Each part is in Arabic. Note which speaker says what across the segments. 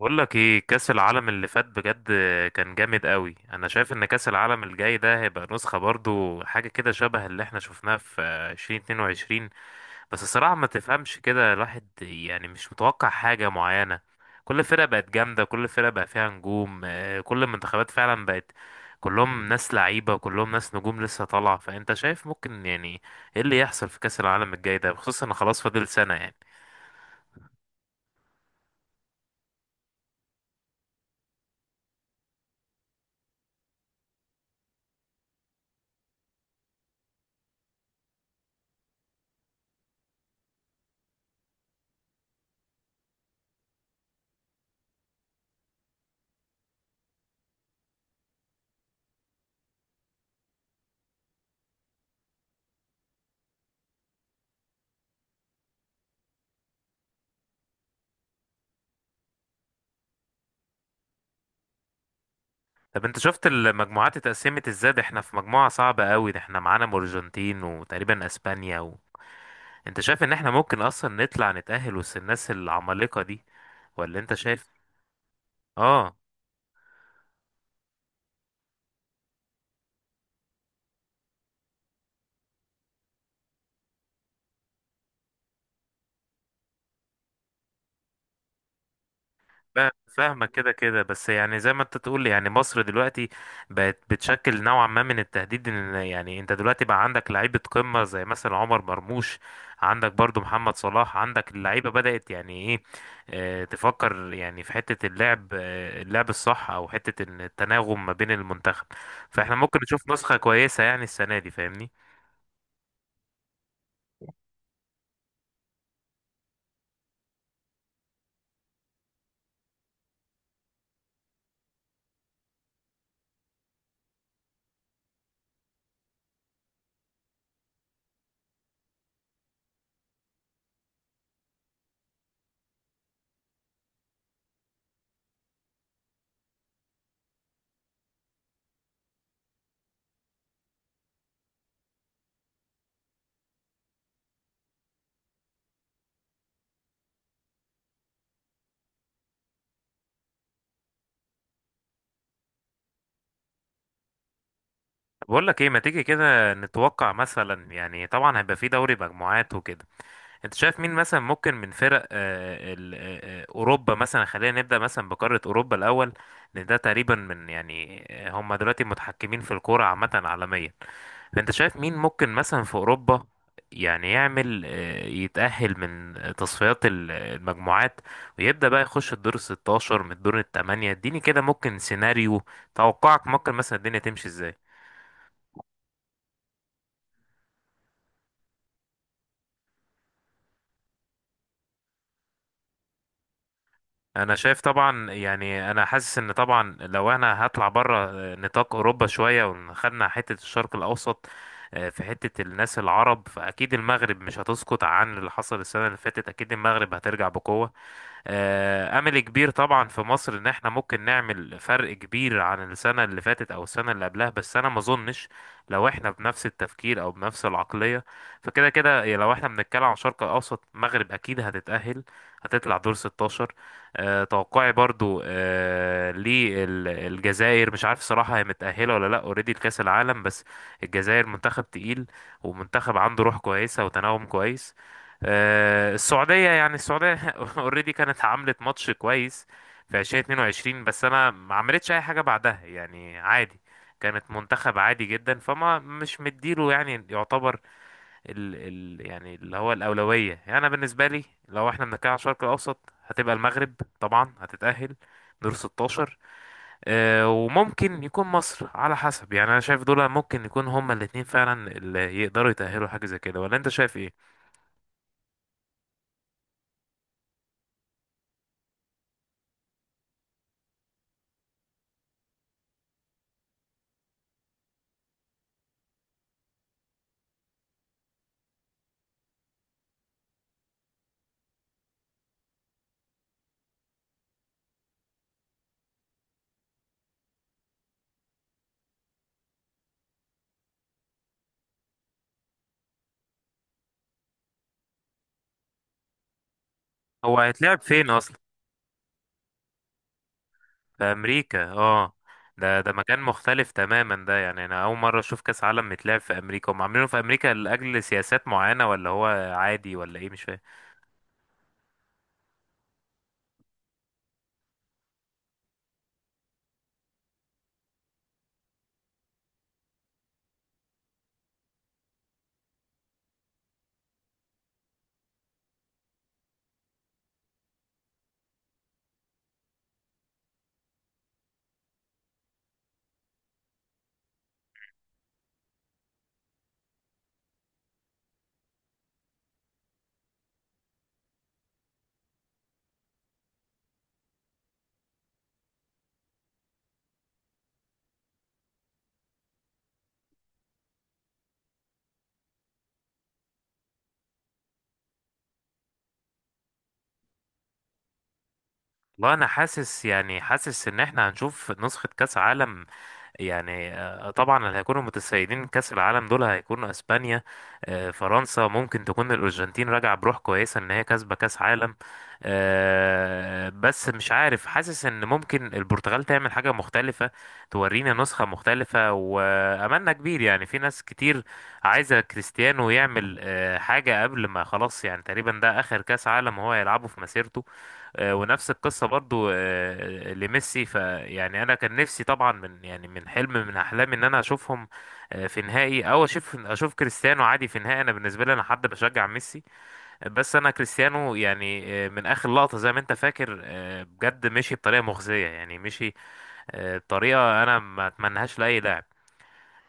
Speaker 1: بقول لك ايه، كأس العالم اللي فات بجد كان جامد قوي. انا شايف ان كأس العالم الجاي ده هيبقى نسخة برضو حاجة كده شبه اللي احنا شفناها في 2022. بس الصراحة ما تفهمش، كده الواحد يعني مش متوقع حاجة معينة. كل فرقة بقت جامدة، كل فرقة بقى فيها نجوم، كل المنتخبات فعلا بقت كلهم ناس لعيبة، كلهم ناس نجوم لسه طالعة. فانت شايف ممكن يعني ايه اللي يحصل في كأس العالم الجاي ده، خصوصا ان خلاص فاضل سنة يعني. طب انت شفت المجموعات اتقسمت ازاي؟ ده احنا في مجموعة صعبة قوي، ده احنا معانا الارجنتين وتقريبا اسبانيا و... انت شايف ان احنا ممكن اصلا نطلع نتأهل وسط الناس العمالقة دي ولا انت شايف؟ اه. فا- فاهمك كده كده، بس يعني زي ما انت تقول يعني مصر دلوقتي بقت بتشكل نوعا ما من التهديد، ان يعني انت دلوقتي بقى عندك لعيبة قمة زي مثلا عمر مرموش، عندك برضو محمد صلاح، عندك اللعيبة بدأت يعني ايه، اه تفكر يعني في حتة اللعب، اللعب الصح، او حتة ان التناغم ما بين المنتخب. فاحنا ممكن نشوف نسخة كويسة يعني السنة دي، فاهمني. بقول لك ايه، ما تيجي كده نتوقع مثلا، يعني طبعا هيبقى في دوري مجموعات وكده. انت شايف مين مثلا ممكن من فرق، اوروبا مثلا؟ خلينا نبدا مثلا بقاره اوروبا الاول، لان ده تقريبا من يعني، هم دلوقتي متحكمين في الكوره عامه عالميا. فانت شايف مين ممكن مثلا في اوروبا يعني يعمل، يتاهل من تصفيات المجموعات، ويبدا بقى يخش الدور ال 16 من الدور الثمانيه. اديني كده ممكن سيناريو توقعك، ممكن مثلا الدنيا تمشي ازاي. انا شايف طبعا يعني، انا حاسس ان طبعا لو انا هطلع بره نطاق اوروبا شويه وخدنا حته الشرق الاوسط، في حته الناس العرب، فاكيد المغرب مش هتسقط عن اللي حصل السنه اللي فاتت، اكيد المغرب هترجع بقوه. امل كبير طبعا في مصر ان احنا ممكن نعمل فرق كبير عن السنه اللي فاتت او السنه اللي قبلها، بس انا ما اظنش لو احنا بنفس التفكير او بنفس العقليه. فكده كده، يا لو احنا بنتكلم عن شرق الاوسط، المغرب اكيد هتتاهل هتطلع دور 16. توقعي برضو للجزائر. مش عارف صراحه هي متاهله ولا لا اوريدي لكاس العالم، بس الجزائر منتخب تقيل، ومنتخب عنده روح كويسه وتناغم كويس. السعودية، يعني السعودية اوريدي كانت عملت ماتش كويس في 2022، بس انا ما عملتش اي حاجة بعدها يعني عادي، كانت منتخب عادي جدا. فما مش مديله يعني، يعتبر ال يعني اللي هو الأولوية. يعني انا بالنسبة لي لو احنا بنتكلم على الشرق الاوسط، هتبقى المغرب طبعا هتتأهل دور 16، وممكن يكون مصر على حسب. يعني انا شايف دول ممكن يكون هما الاتنين فعلا اللي يقدروا يتأهلوا، حاجة زي كده. ولا انت شايف ايه؟ هو هيتلعب فين؟ في امريكا؟ اه. ده مكان مختلف تماما، ده يعني انا اول مره اشوف كاس عالم متلعب في امريكا. هم عاملينه في امريكا لاجل سياسات معينه، ولا هو عادي ولا ايه، مش فاهم. والله انا حاسس يعني حاسس ان احنا هنشوف نسخه كاس عالم، يعني طبعا اللي هيكونوا متسيدين كأس العالم دول هيكونوا اسبانيا، فرنسا. ممكن تكون الارجنتين راجعه بروح كويسه ان هي كسبه كأس عالم. بس مش عارف، حاسس ان ممكن البرتغال تعمل حاجه مختلفه، تورينا نسخه مختلفه. واملنا كبير يعني في ناس كتير عايزه كريستيانو يعمل حاجه قبل ما خلاص، يعني تقريبا ده اخر كأس عالم هو هيلعبه في مسيرته. ونفس القصة برضو لميسي. فيعني أنا كان نفسي طبعا من يعني من حلم من أحلامي إن أنا أشوفهم في نهائي، أو أشوف كريستيانو عادي في نهائي. أنا بالنسبة لي أنا حد بشجع ميسي، بس أنا كريستيانو يعني من آخر لقطة زي ما أنت فاكر، بجد مشي بطريقة مخزية، يعني مشي بطريقة أنا ما أتمنهاش لأي لاعب.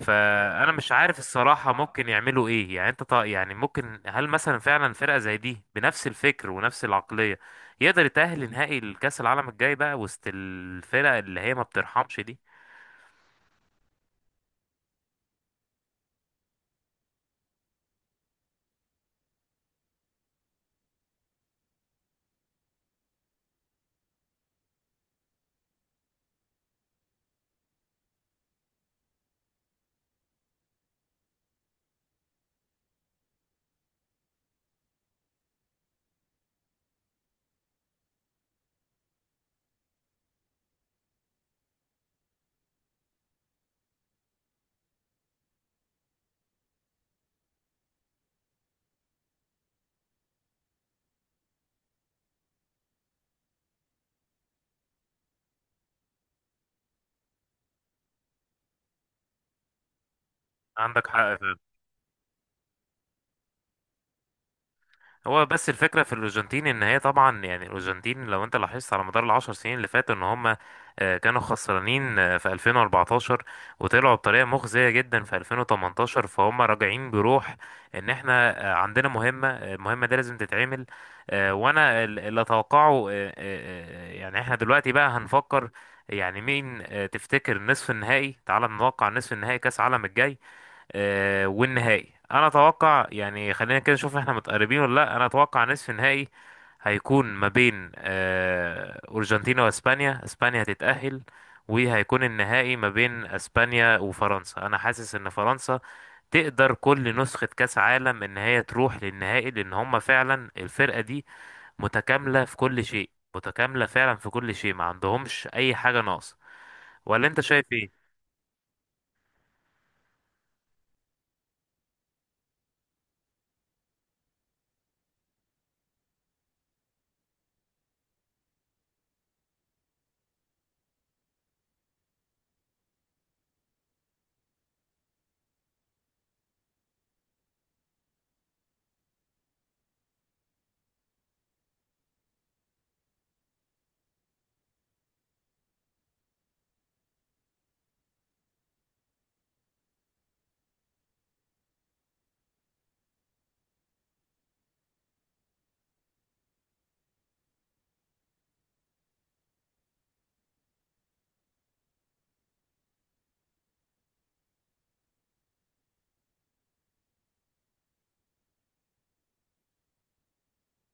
Speaker 1: فانا مش عارف الصراحه ممكن يعملوا ايه، يعني انت يعني ممكن، هل مثلا فعلا فرقه زي دي بنفس الفكر ونفس العقليه يقدر يتاهل لنهائي الكاس العالم الجاي بقى وسط الفرق اللي هي ما بترحمش دي؟ عندك حق فعلا. هو بس الفكرة في الأرجنتين إن هي طبعا يعني الأرجنتين، لو أنت لاحظت على مدار الـ 10 سنين اللي فاتوا إن هما كانوا خسرانين في 2014، وطلعوا بطريقة مخزية جدا في 2018. فهم راجعين بروح إن إحنا عندنا مهمة، المهمة دي لازم تتعمل. وأنا اللي أتوقعه، يعني إحنا دلوقتي بقى هنفكر يعني مين، تفتكر نصف النهائي؟ تعال نتوقع نصف النهائي كأس العالم الجاي والنهائي. انا اتوقع يعني، خلينا كده نشوف احنا متقربين ولا لا. انا اتوقع نصف النهائي هيكون ما بين ارجنتينا واسبانيا. اسبانيا هتتأهل، وهيكون النهائي ما بين اسبانيا وفرنسا. انا حاسس ان فرنسا تقدر كل نسخة كأس عالم ان هي تروح للنهائي، لان هم فعلا الفرقة دي متكاملة في كل شيء، متكاملة فعلا في كل شيء، ما عندهمش اي حاجة ناقصة. ولا انت شايف ايه؟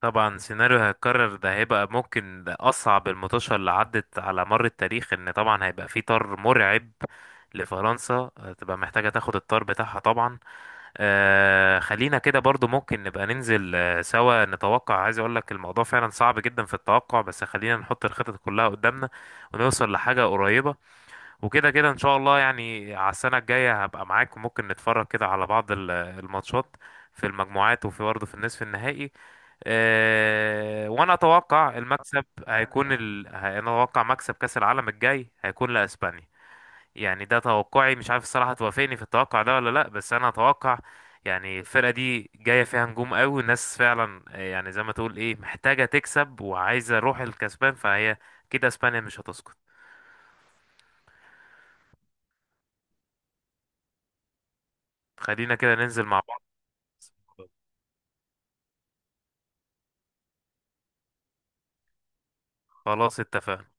Speaker 1: طبعا سيناريو هيتكرر ده هيبقى ممكن ده أصعب المطاشة اللي عدت على مر التاريخ. إن طبعا هيبقى في طار مرعب لفرنسا، تبقى محتاجة تاخد الطار بتاعها طبعا. آه، خلينا كده برضو ممكن نبقى ننزل سوا نتوقع. عايز أقولك الموضوع فعلا صعب جدا في التوقع، بس خلينا نحط الخطط كلها قدامنا ونوصل لحاجة قريبة. وكده كده ان شاء الله يعني، على السنه الجايه هبقى معاك وممكن نتفرج كده على بعض الماتشات في المجموعات، وفي برضه في النصف النهائي. وانا اتوقع المكسب هيكون انا اتوقع مكسب كاس العالم الجاي هيكون لاسبانيا. يعني ده توقعي، مش عارف الصراحه توافقني في التوقع ده ولا لا، بس انا اتوقع يعني الفرقه دي جايه فيها نجوم قوي. الناس فعلا يعني زي ما تقول ايه، محتاجه تكسب وعايزه روح الكسبان، فهي كده اسبانيا مش هتسقط. خلينا كده ننزل مع بعض. خلاص اتفقنا.